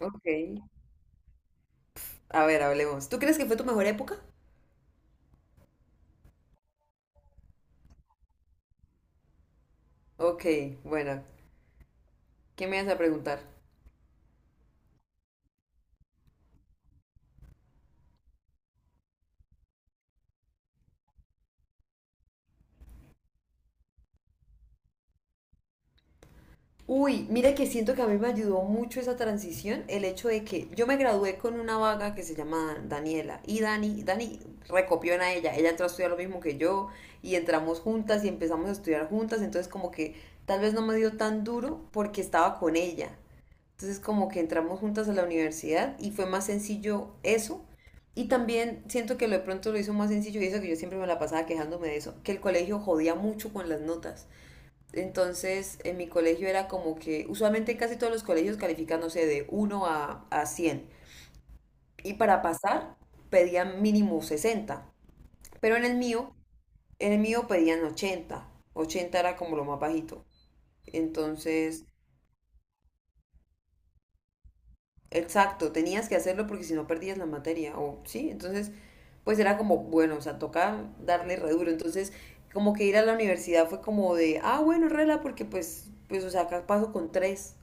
Ok. A ver, hablemos. ¿Tú crees que fue tu mejor época? Ok, buena. ¿Qué me vas a preguntar? Uy, mira que siento que a mí me ayudó mucho esa transición, el hecho de que yo me gradué con una vaga que se llama Daniela y Dani recopió en a ella, ella entró a estudiar lo mismo que yo y entramos juntas y empezamos a estudiar juntas, entonces como que tal vez no me dio tan duro porque estaba con ella. Entonces como que entramos juntas a la universidad y fue más sencillo eso. Y también siento que lo de pronto lo hizo más sencillo y eso que yo siempre me la pasaba quejándome de eso, que el colegio jodía mucho con las notas. Entonces en mi colegio era como que usualmente en casi todos los colegios califican, no sé, de 1 a 100. Y para pasar pedían mínimo 60. Pero en el mío pedían 80. 80 era como lo más bajito. Entonces exacto, tenías que hacerlo porque si no perdías la materia, o sí, entonces, pues era como, bueno, o sea, toca darle re duro, entonces, como que ir a la universidad fue como de, ah, bueno, rela, porque pues, o sea, acá paso con tres,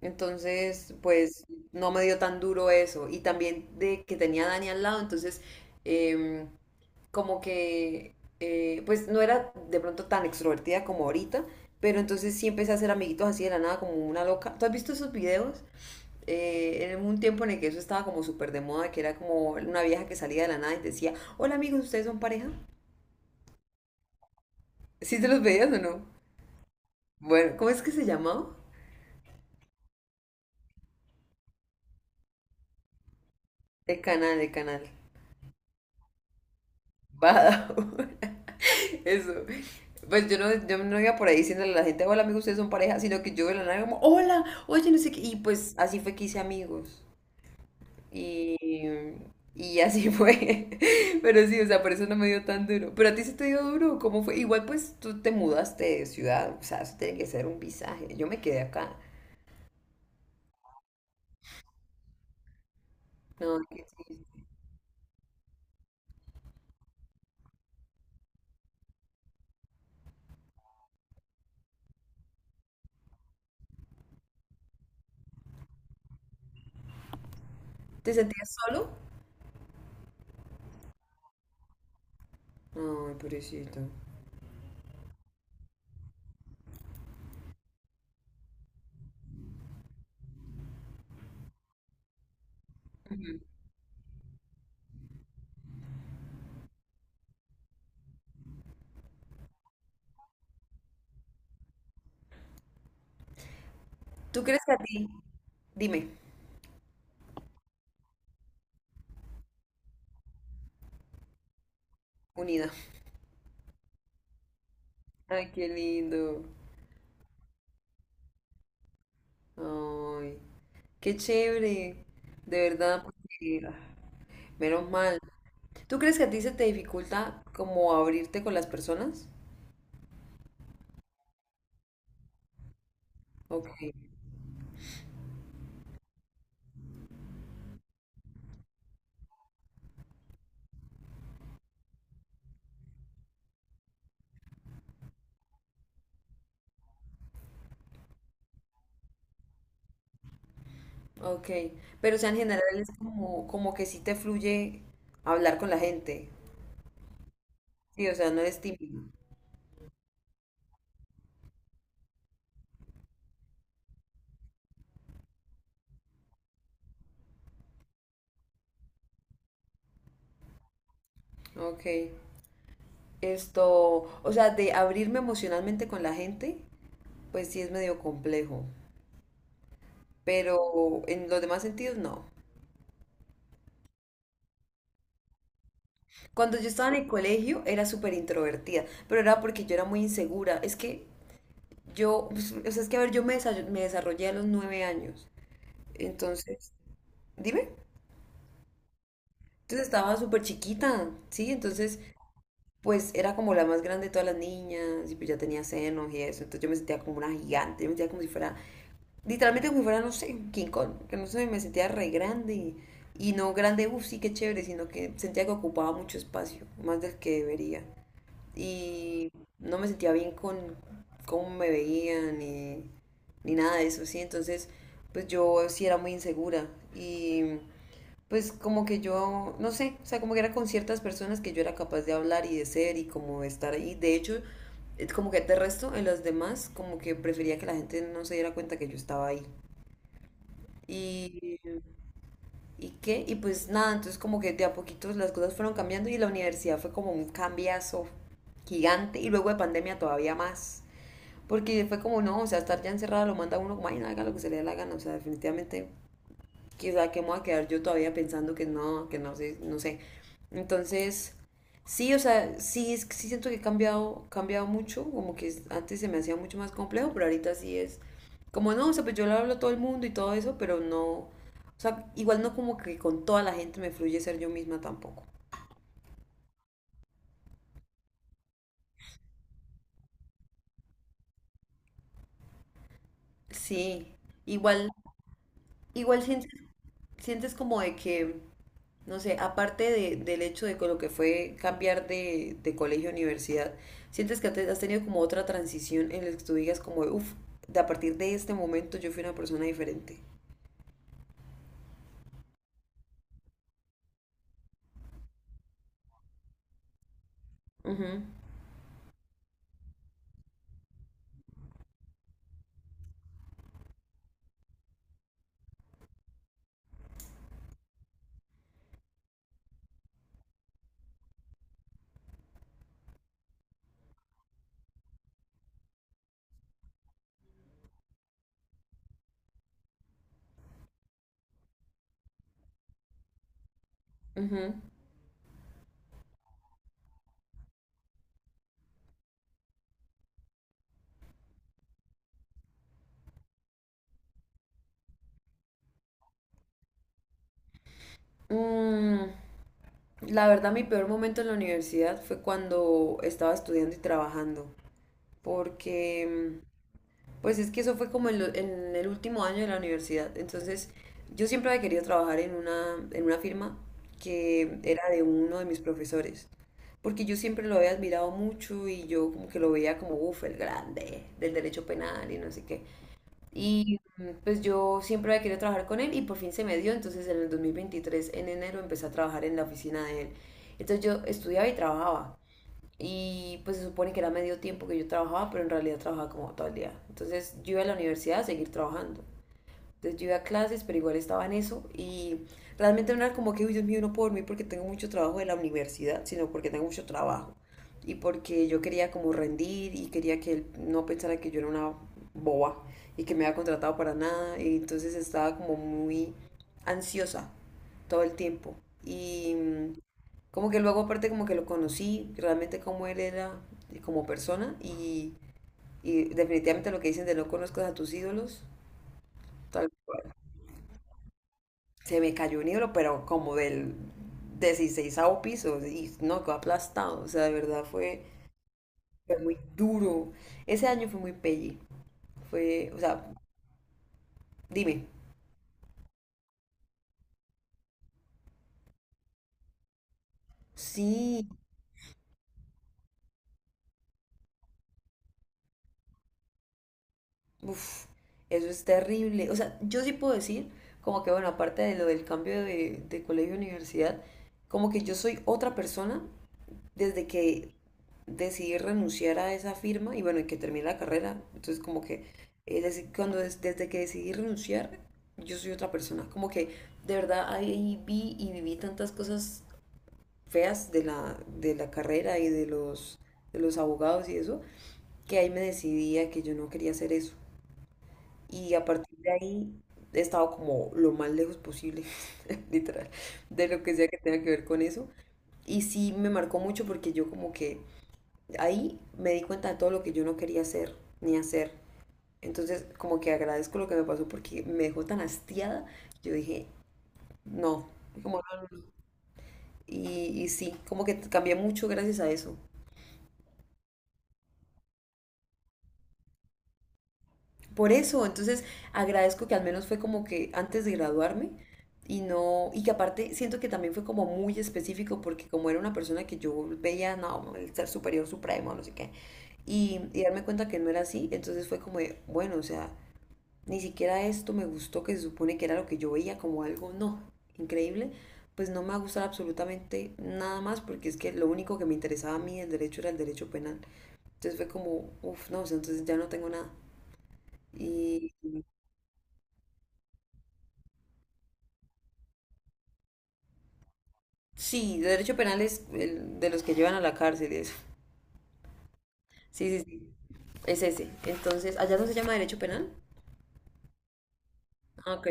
entonces, pues, no me dio tan duro eso, y también de que tenía a Dani al lado, entonces, em, como que, pues, no era de pronto tan extrovertida como ahorita, pero entonces sí empecé a hacer amiguitos así de la nada, como una loca. ¿Tú has visto esos videos? En un tiempo en el que eso estaba como súper de moda, que era como una vieja que salía de la nada y decía, hola amigos, ¿ustedes son pareja? ¿Sí te los veías o no? Bueno, ¿cómo es que se llamaba? El canal, el canal. Badajoz. Eso. Pues yo no, yo no iba por ahí diciéndole a la gente, hola amigos, ustedes son pareja, sino que yo de la nada como, hola, oye, no sé qué. Y pues así fue que hice amigos. Y, y así fue. Pero sí, o sea, por eso no me dio tan duro. Pero a ti sí te dio duro, ¿cómo fue? Igual pues tú te mudaste de ciudad, o sea, eso tiene que ser un visaje. Yo me quedé acá. No, qué triste. ¿Te sentías solo? Ay, pobrecito. ¿Tú crees que a ti? Dime, unida. Ay, qué lindo. Ay, qué chévere. De verdad, porque ah, menos mal. ¿Tú crees que a ti se te dificulta como abrirte con las personas? Ok. Ok, pero o sea, en general es como, como que sí te fluye hablar con la gente. Sí, o sea, no eres tímido. Ok, esto, o sea, de abrirme emocionalmente con la gente, pues sí es medio complejo, pero en los demás sentidos no. Cuando yo estaba en el colegio era súper introvertida, pero era porque yo era muy insegura. Es que yo, pues, o sea, es que a ver, me desarrollé a los 9 años. Entonces, dime, entonces estaba súper chiquita, ¿sí? Entonces pues era como la más grande de todas las niñas y pues ya tenía senos y eso, entonces yo me sentía como una gigante, yo me sentía como si fuera, literalmente como si fuera, no sé, King Kong, que no sé, me sentía re grande y no grande, uff, sí, qué chévere, sino que sentía que ocupaba mucho espacio, más del que debería. Y no me sentía bien con cómo me veían ni nada de eso, sí, entonces pues yo sí era muy insegura y pues como que yo, no sé, o sea, como que era con ciertas personas que yo era capaz de hablar y de ser y como de estar ahí. De hecho, es como que de resto, en las demás, como que prefería que la gente no se diera cuenta que yo estaba ahí. Y, ¿y qué? Y pues nada, entonces como que de a poquitos las cosas fueron cambiando y la universidad fue como un cambiazo gigante y luego de pandemia todavía más. Porque fue como, no, o sea, estar ya encerrada lo manda a uno como, ay, no, haga lo que se le dé la gana, o sea, definitivamente quizá que me voy a quedar yo todavía pensando que no sé, no sé. Entonces, sí, o sea, sí, sí siento que he cambiado, cambiado mucho, como que antes se me hacía mucho más complejo, pero ahorita sí es como no, o sea, pues yo le hablo a todo el mundo y todo eso, pero no, o sea, igual no como que con toda la gente me fluye ser yo misma tampoco. Sí, igual, igual sientes como de que no sé, aparte del hecho de con lo que fue cambiar de colegio a universidad, ¿sientes que has tenido como otra transición en la que tú digas como, uff, de a partir de este momento yo fui una persona diferente? Ujú, ujú. Mm, la verdad, mi peor momento en la universidad fue cuando estaba estudiando y trabajando, porque mm, pues es que eso fue como en el último año de la universidad. Entonces, yo siempre había querido trabajar en una firma que era de uno de mis profesores. Porque yo siempre lo había admirado mucho y yo como que lo veía como, uff, el grande del derecho penal y no sé qué. Y pues yo siempre había querido trabajar con él y por fin se me dio. Entonces en el 2023, en enero, empecé a trabajar en la oficina de él. Entonces yo estudiaba y trabajaba. Y pues se supone que era medio tiempo que yo trabajaba, pero en realidad trabajaba como todo el día. Entonces yo iba a la universidad a seguir trabajando. Entonces yo iba a clases, pero igual estaba en eso y realmente no era como que, uy, Dios mío, no puedo dormir porque tengo mucho trabajo de la universidad, sino porque tengo mucho trabajo y porque yo quería como rendir y quería que él no pensara que yo era una boba y que me había contratado para nada y entonces estaba como muy ansiosa todo el tiempo y como que luego aparte como que lo conocí realmente como él era como persona y definitivamente lo que dicen de no conozcas a tus ídolos, tal se me cayó un hilo, pero como del 16 piso, y no, quedó aplastado, o sea, de verdad fue muy duro. Ese año fue muy pelli, fue, o sea, dime, sí, uf, eso es terrible. O sea, yo sí puedo decir, como que bueno, aparte de lo del cambio de colegio a universidad, como que yo soy otra persona desde que decidí renunciar a esa firma y bueno, y que terminé la carrera. Entonces, como que desde que decidí renunciar, yo soy otra persona. Como que de verdad ahí vi y viví tantas cosas feas de la carrera y de los abogados y eso, que ahí me decidí a que yo no quería hacer eso. Y a partir de ahí he estado como lo más lejos posible, literal, de lo que sea que tenga que ver con eso. Y sí me marcó mucho porque yo como que ahí me di cuenta de todo lo que yo no quería hacer ni hacer. Entonces como que agradezco lo que me pasó porque me dejó tan hastiada. Yo dije, no. Como no. y, y sí, como que cambié mucho gracias a eso. Por eso, entonces agradezco que al menos fue como que antes de graduarme y no, y que aparte siento que también fue como muy específico porque como era una persona que yo veía, no, el ser superior supremo, no sé qué, y darme cuenta que no era así, entonces fue como de, bueno, o sea, ni siquiera esto me gustó, que se supone que era lo que yo veía como algo, no, increíble, pues no me va a gustar absolutamente nada más porque es que lo único que me interesaba a mí del derecho era el derecho penal. Entonces fue como, uff, no, o sea, entonces ya no tengo nada. Sí, derecho penal es el de los que llevan a la cárcel y eso. Sí, sí, sí. Es ese. Entonces, ¿allá no se llama derecho penal? Ah, Ok.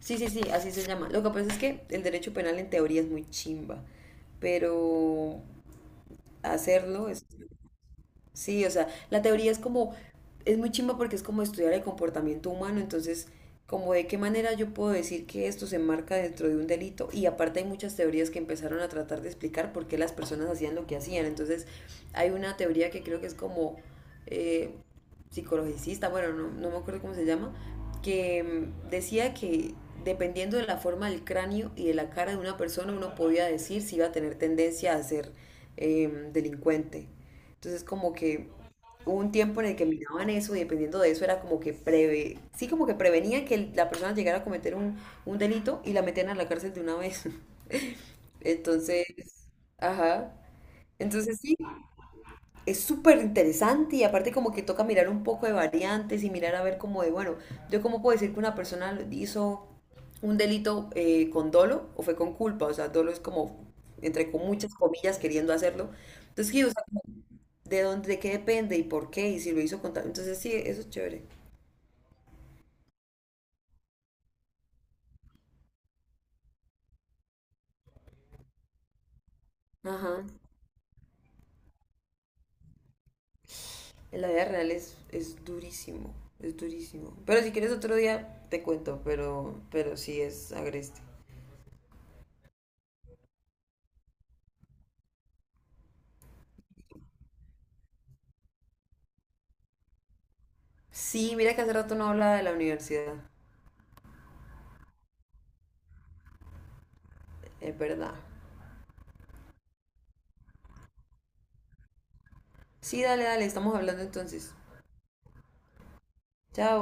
Sí, sí, sí, así se llama. Lo que pasa es que el derecho penal en teoría es muy chimba, pero hacerlo es sí, o sea, la teoría es como, es muy chimba porque es como estudiar el comportamiento humano, entonces, como de qué manera yo puedo decir que esto se enmarca dentro de un delito. Y aparte hay muchas teorías que empezaron a tratar de explicar por qué las personas hacían lo que hacían. Entonces, hay una teoría que creo que es como eh, psicologicista, bueno, no, no me acuerdo cómo se llama, que decía que dependiendo de la forma del cráneo y de la cara de una persona, uno podía decir si iba a tener tendencia a ser delincuente. Entonces como que hubo un tiempo en el que miraban eso y dependiendo de eso era como que preve, sí como que prevenían que la persona llegara a cometer un delito y la metían a la cárcel de una vez. Entonces, ajá. Entonces sí, es súper interesante y aparte como que toca mirar un poco de variantes y mirar a ver como de, bueno, yo cómo puedo decir que una persona hizo un delito con dolo o fue con culpa, o sea, dolo es como entre con muchas comillas queriendo hacerlo. Entonces, sí, o sea, de dónde, de qué depende y por qué, y si lo hizo con tal. Entonces sí, eso es chévere. Ajá. En la vida real es durísimo, es durísimo. Pero si quieres otro día te cuento, pero sí es agreste. Sí, mira que hace rato no hablaba de la universidad, es verdad. Sí, dale, dale, estamos hablando entonces. Chao.